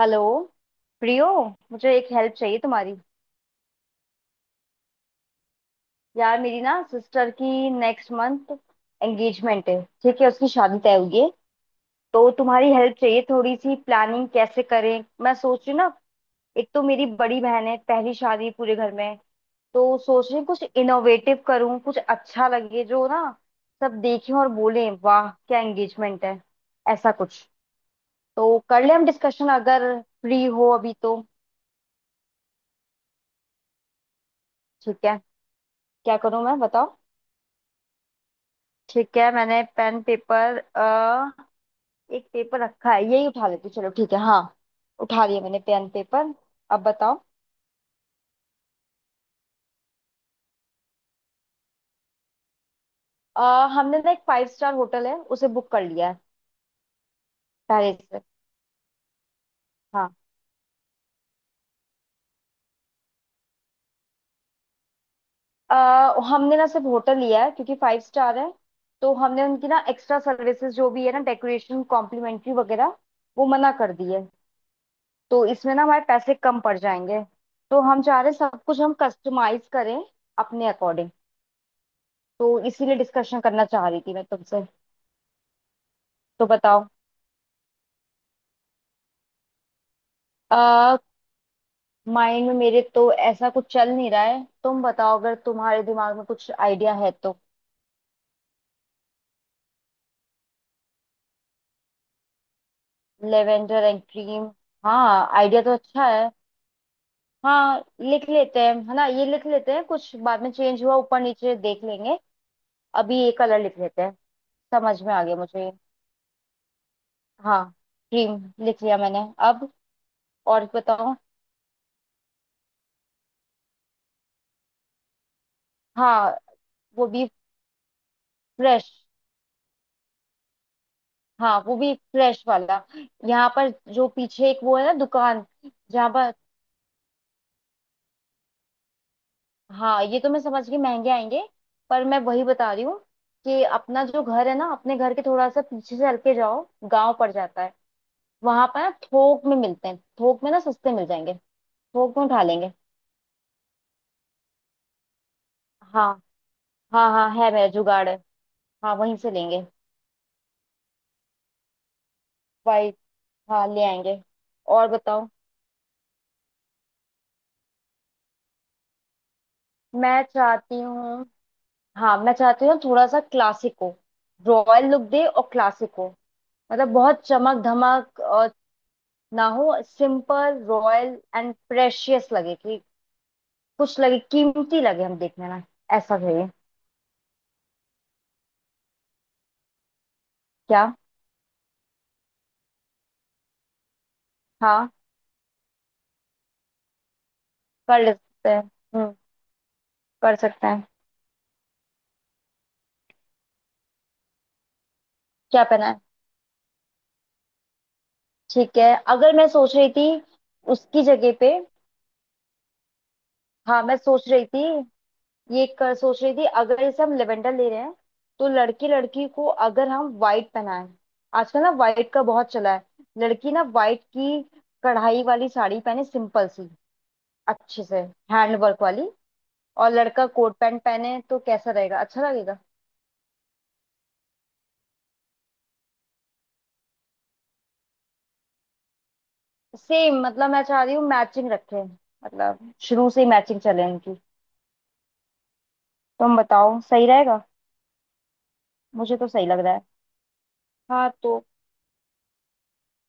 Hello Priyo. मुझे एक help चाहिए तुम्हारी। यार मेरी ना सिस्टर की नेक्स्ट मंथ एंगेजमेंट है, ठीक है, उसकी शादी तय हुई है। तो तुम्हारी हेल्प चाहिए, थोड़ी सी प्लानिंग कैसे करें मैं सोच रही हूँ ना। एक तो मेरी बड़ी बहन है, पहली शादी है पूरे घर में। तो सोच रही हूँ कुछ इनोवेटिव करूँ, कुछ अच्छा लगे जो ना। सब देखें और बोलें वाह क्या एंगेजमेंट है, ऐसा कुछ। तो कर ले हम डिस्कशन, अगर फ्री हो अभी तो। ठीक है, क्या करूँ मैं बताओ। ठीक है, मैंने पेन पेपर एक पेपर रखा है यही उठा लेती हूँ, चलो ठीक है, हाँ। उठा लिया मैंने पेन पेपर। अब बताओ। अ, हमने ना एक फाइव स्टार होटल है उसे बुक कर लिया है पहले से। हाँ। अ, हमने ना सिर्फ होटल लिया है क्योंकि फाइव स्टार है। तो हमने उनकी ना एक्स्ट्रा सर्विसेज जो भी है ना डेकोरेशन कॉम्प्लीमेंट्री वगैरह वो मना कर दी है। तो इसमें ना हमारे पैसे कम पड़ जाएंगे। तो हम चाह रहे हैं सब कुछ हम कस्टमाइज करें अपने अकॉर्डिंग। तो इसीलिए डिस्कशन करना चाह रही थी मैं तुमसे। तो बताओ। आ, माइंड में मेरे तो ऐसा कुछ चल नहीं रहा है, तुम बताओ अगर तुम्हारे दिमाग में कुछ आइडिया है तो। Lavender and cream. हाँ आइडिया तो अच्छा है। हाँ लिख लेते हैं है ना, ये लिख लेते हैं, कुछ बाद में चेंज हुआ ऊपर नीचे देख लेंगे। अभी ये कलर लिख लेते हैं। समझ में आ गया मुझे। हाँ। क्रीम। लिख लिया मैंने। अब और बताओ। हाँ वो भी फ्रेश। हाँ वो भी फ्रेश वाला। यहाँ पर जो पीछे एक वो है ना दुकान, जहाँ पर। हाँ ये तो मैं समझ गई महंगे आएंगे, पर मैं वही बता रही हूँ कि अपना जो घर है ना, अपने घर के थोड़ा सा पीछे से हल्के जाओ गांव पड़ जाता है। वहां पर ना थोक में मिलते हैं, थोक में ना सस्ते मिल जाएंगे। थोक में उठा लेंगे। हाँ हाँ, हाँ है मेरा जुगाड़ है। हाँ वहीं से लेंगे। वाइट। हाँ ले आएंगे। और बताओ। मैं चाहती हूँ, हाँ मैं चाहती हूँ थोड़ा सा क्लासिक हो। रॉयल लुक दे और क्लासिक हो। मतलब बहुत चमक धमक ना हो, सिंपल रॉयल एंड प्रेशियस लगे कि कुछ लगे, कीमती लगे हम देखने में। ऐसा चाहिए। क्या। हाँ कर सकते हैं। हम्म कर सकते हैं। क्या पहना है। ठीक है, अगर मैं सोच रही थी उसकी जगह पे। हाँ मैं सोच रही थी ये कर सोच रही थी अगर इसे हम लेवेंडर ले रहे हैं, तो लड़की लड़की को अगर हम वाइट पहनाएं। आजकल ना वाइट का बहुत चला है। लड़की ना वाइट की कढ़ाई वाली साड़ी पहने सिंपल सी, अच्छे से हैंड वर्क वाली। और लड़का कोट पैंट पहने तो कैसा रहेगा, अच्छा लगेगा। सेम, मतलब मैं चाह रही हूँ मैचिंग रखें, मतलब शुरू से ही मैचिंग चले इनकी। तुम बताओ सही रहेगा। मुझे तो सही लग रहा है। हाँ तो।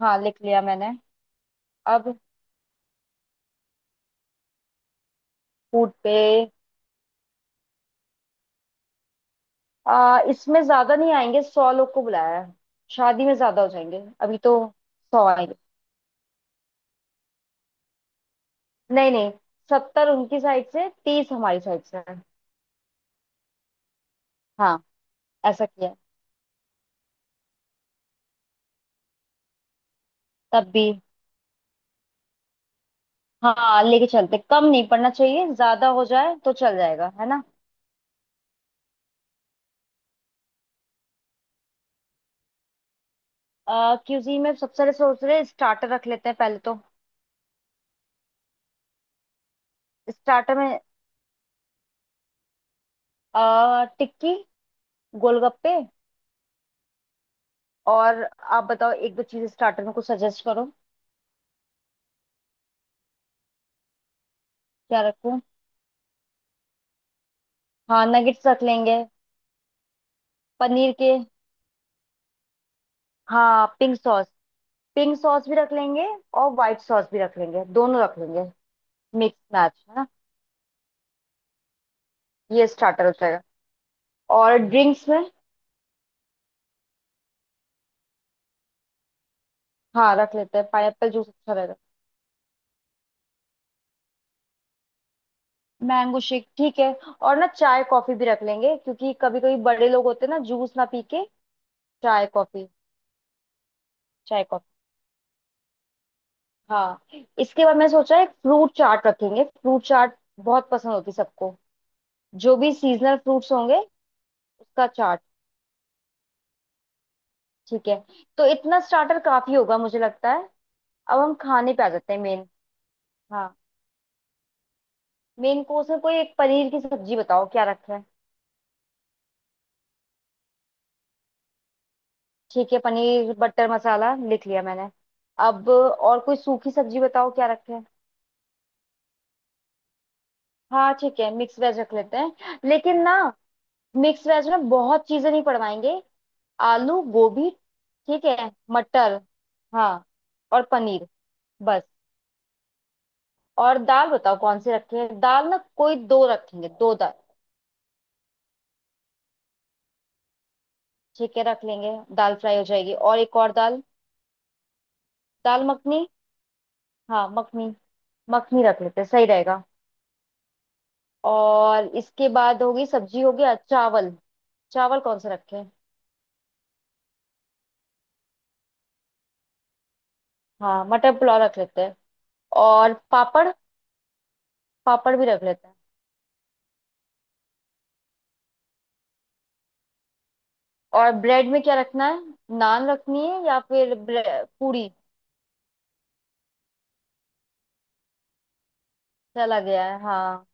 हाँ लिख लिया मैंने। अब फूड पे। इसमें ज्यादा नहीं आएंगे, 100 लोग को बुलाया है। शादी में ज्यादा हो जाएंगे, अभी तो 100 आएंगे। नहीं नहीं, 70 उनकी साइड से 30 हमारी साइड से है। हाँ ऐसा किया। तब भी हाँ लेके चलते, कम नहीं पड़ना चाहिए, ज्यादा हो जाए तो चल जाएगा है ना। क्यूजीन में सबसे पहले सोच रहे स्टार्टर रख लेते हैं पहले तो। स्टार्टर में टिक्की, गोलगप्पे। और आप बताओ एक दो चीज स्टार्टर में कुछ सजेस्ट करो। क्या रखूं। हाँ नगेट्स रख लेंगे, पनीर के। हाँ पिंक सॉस, पिंक सॉस भी रख लेंगे। और व्हाइट सॉस भी रख लेंगे, दोनों रख लेंगे। मिक्स मैच है ना। ये स्टार्टर हो जाएगा। और ड्रिंक्स में। हाँ रख लेते हैं पाइनएप्पल जूस अच्छा रहेगा। मैंगो शेक ठीक है। और ना चाय कॉफी भी रख लेंगे क्योंकि कभी कभी बड़े लोग होते हैं ना जूस ना पी के। चाय कॉफी। चाय कॉफी। हाँ। इसके बाद मैंने सोचा है फ्रूट चाट रखेंगे, फ्रूट चाट बहुत पसंद होती सबको, जो भी सीजनल फ्रूट्स होंगे उसका चाट। ठीक है। तो इतना स्टार्टर काफी होगा मुझे लगता है। अब हम खाने पे आ जाते हैं, मेन। हाँ मेन कोर्स में कोई एक पनीर की सब्जी बताओ क्या रखा है। ठीक है पनीर बटर मसाला लिख लिया मैंने। अब और कोई सूखी सब्जी बताओ क्या रखा है। हाँ ठीक है मिक्स वेज रख लेते हैं, लेकिन ना मिक्स वेज में बहुत चीजें नहीं पड़वाएंगे। आलू गोभी। ठीक है, मटर, हाँ, और पनीर, बस। और दाल बताओ कौन सी रखें, दाल ना कोई दो रखेंगे, दो दाल। ठीक है रख लेंगे, दाल फ्राई हो जाएगी, और एक और दाल। दाल मखनी, हाँ मखनी, मखनी रख लेते हैं, सही रहेगा। और इसके बाद होगी सब्जी हो गया चावल। चावल कौन से रखें। हाँ मटर पुलाव रख लेते हैं। और पापड़, पापड़ भी रख लेते हैं। और ब्रेड में क्या रखना है, नान रखनी है या फिर पूरी। चला गया है हाँ।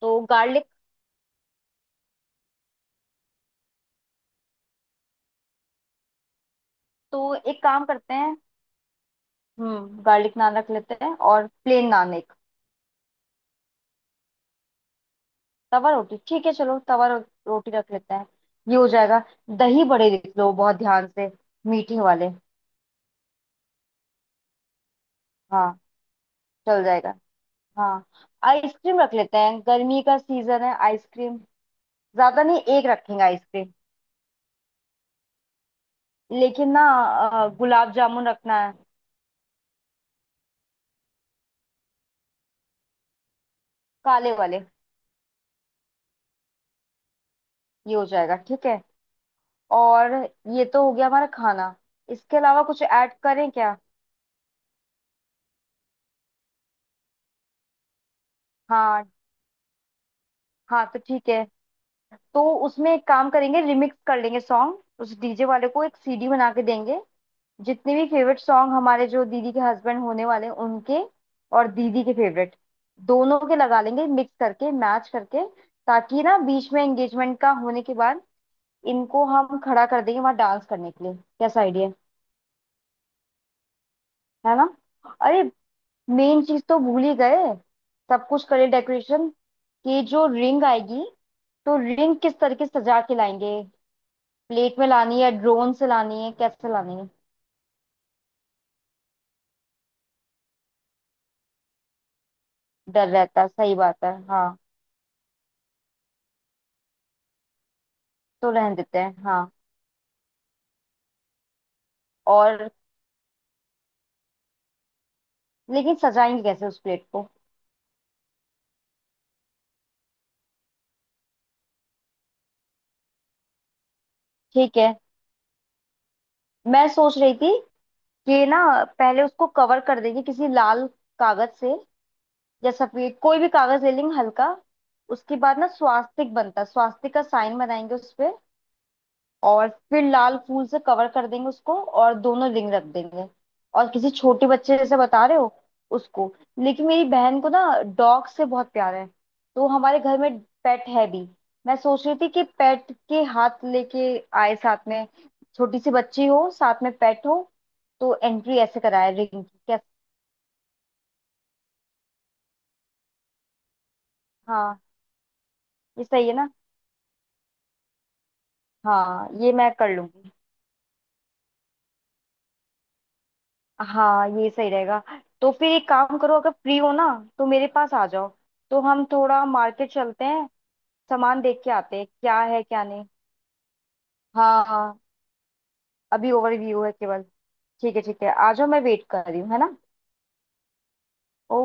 तो गार्लिक, तो एक काम करते हैं, गार्लिक नान रख लेते हैं और प्लेन नान एक, तवा रोटी ठीक है, चलो रोटी रख लेते हैं, ये हो जाएगा। दही बड़े लिख लो बहुत ध्यान से, मीठे वाले। हाँ चल जाएगा। हाँ आइसक्रीम रख लेते हैं, गर्मी का सीजन है आइसक्रीम, ज्यादा नहीं एक रखेंगे आइसक्रीम। लेकिन ना गुलाब जामुन रखना है। काले वाले। ये हो जाएगा ठीक है। और ये तो हो गया हमारा खाना। इसके अलावा कुछ ऐड करें क्या। हाँ। हाँ तो ठीक है, तो उसमें एक काम करेंगे, रिमिक्स कर लेंगे सॉन्ग, उस डीजे वाले को एक सीडी बना के देंगे, जितने भी फेवरेट सॉन्ग हमारे जो दीदी के हस्बैंड होने वाले हैं उनके और दीदी के फेवरेट, दोनों के लगा लेंगे मिक्स करके मैच करके, ताकि ना बीच में एंगेजमेंट का होने के बाद इनको हम खड़ा कर देंगे वहां डांस करने के लिए। कैसा आइडिया, है ना। अरे मेन चीज तो भूल ही गए। सब कुछ करे डेकोरेशन, कि जो रिंग आएगी तो रिंग किस तरह की सजा के लाएंगे। प्लेट में लानी है, ड्रोन से लानी है, कैसे लानी है। डर रहता है, सही बात है, हाँ तो रहने देते हैं। हाँ। और, लेकिन सजाएंगे कैसे उस प्लेट को। ठीक है, मैं सोच रही थी कि ना पहले उसको कवर कर देंगे किसी लाल कागज से, या सफेद, कोई भी कागज ले लेंगे हल्का। उसके बाद ना स्वास्तिक बनता है, स्वास्तिक का साइन बनाएंगे उस पे, और फिर लाल फूल से कवर कर देंगे उसको और दोनों रिंग रख देंगे। और किसी छोटे बच्चे जैसे बता रहे हो, उसको। लेकिन मेरी बहन को ना डॉग से बहुत प्यार है, तो हमारे घर में पेट है भी, मैं सोच रही थी कि पेट के हाथ लेके आए साथ में, छोटी सी बच्ची हो साथ में पेट हो, तो एंट्री ऐसे कराए रिंग की, क्या। हाँ ये सही है ना। हाँ ये मैं कर लूंगी। हाँ ये सही रहेगा। तो फिर एक काम करो, अगर फ्री हो ना तो मेरे पास आ जाओ। तो हम थोड़ा मार्केट चलते हैं, सामान देख के आते हैं क्या है क्या नहीं। हाँ हाँ। अभी ओवरव्यू है केवल। ठीक है आ जाओ, मैं वेट कर रही हूँ है ना।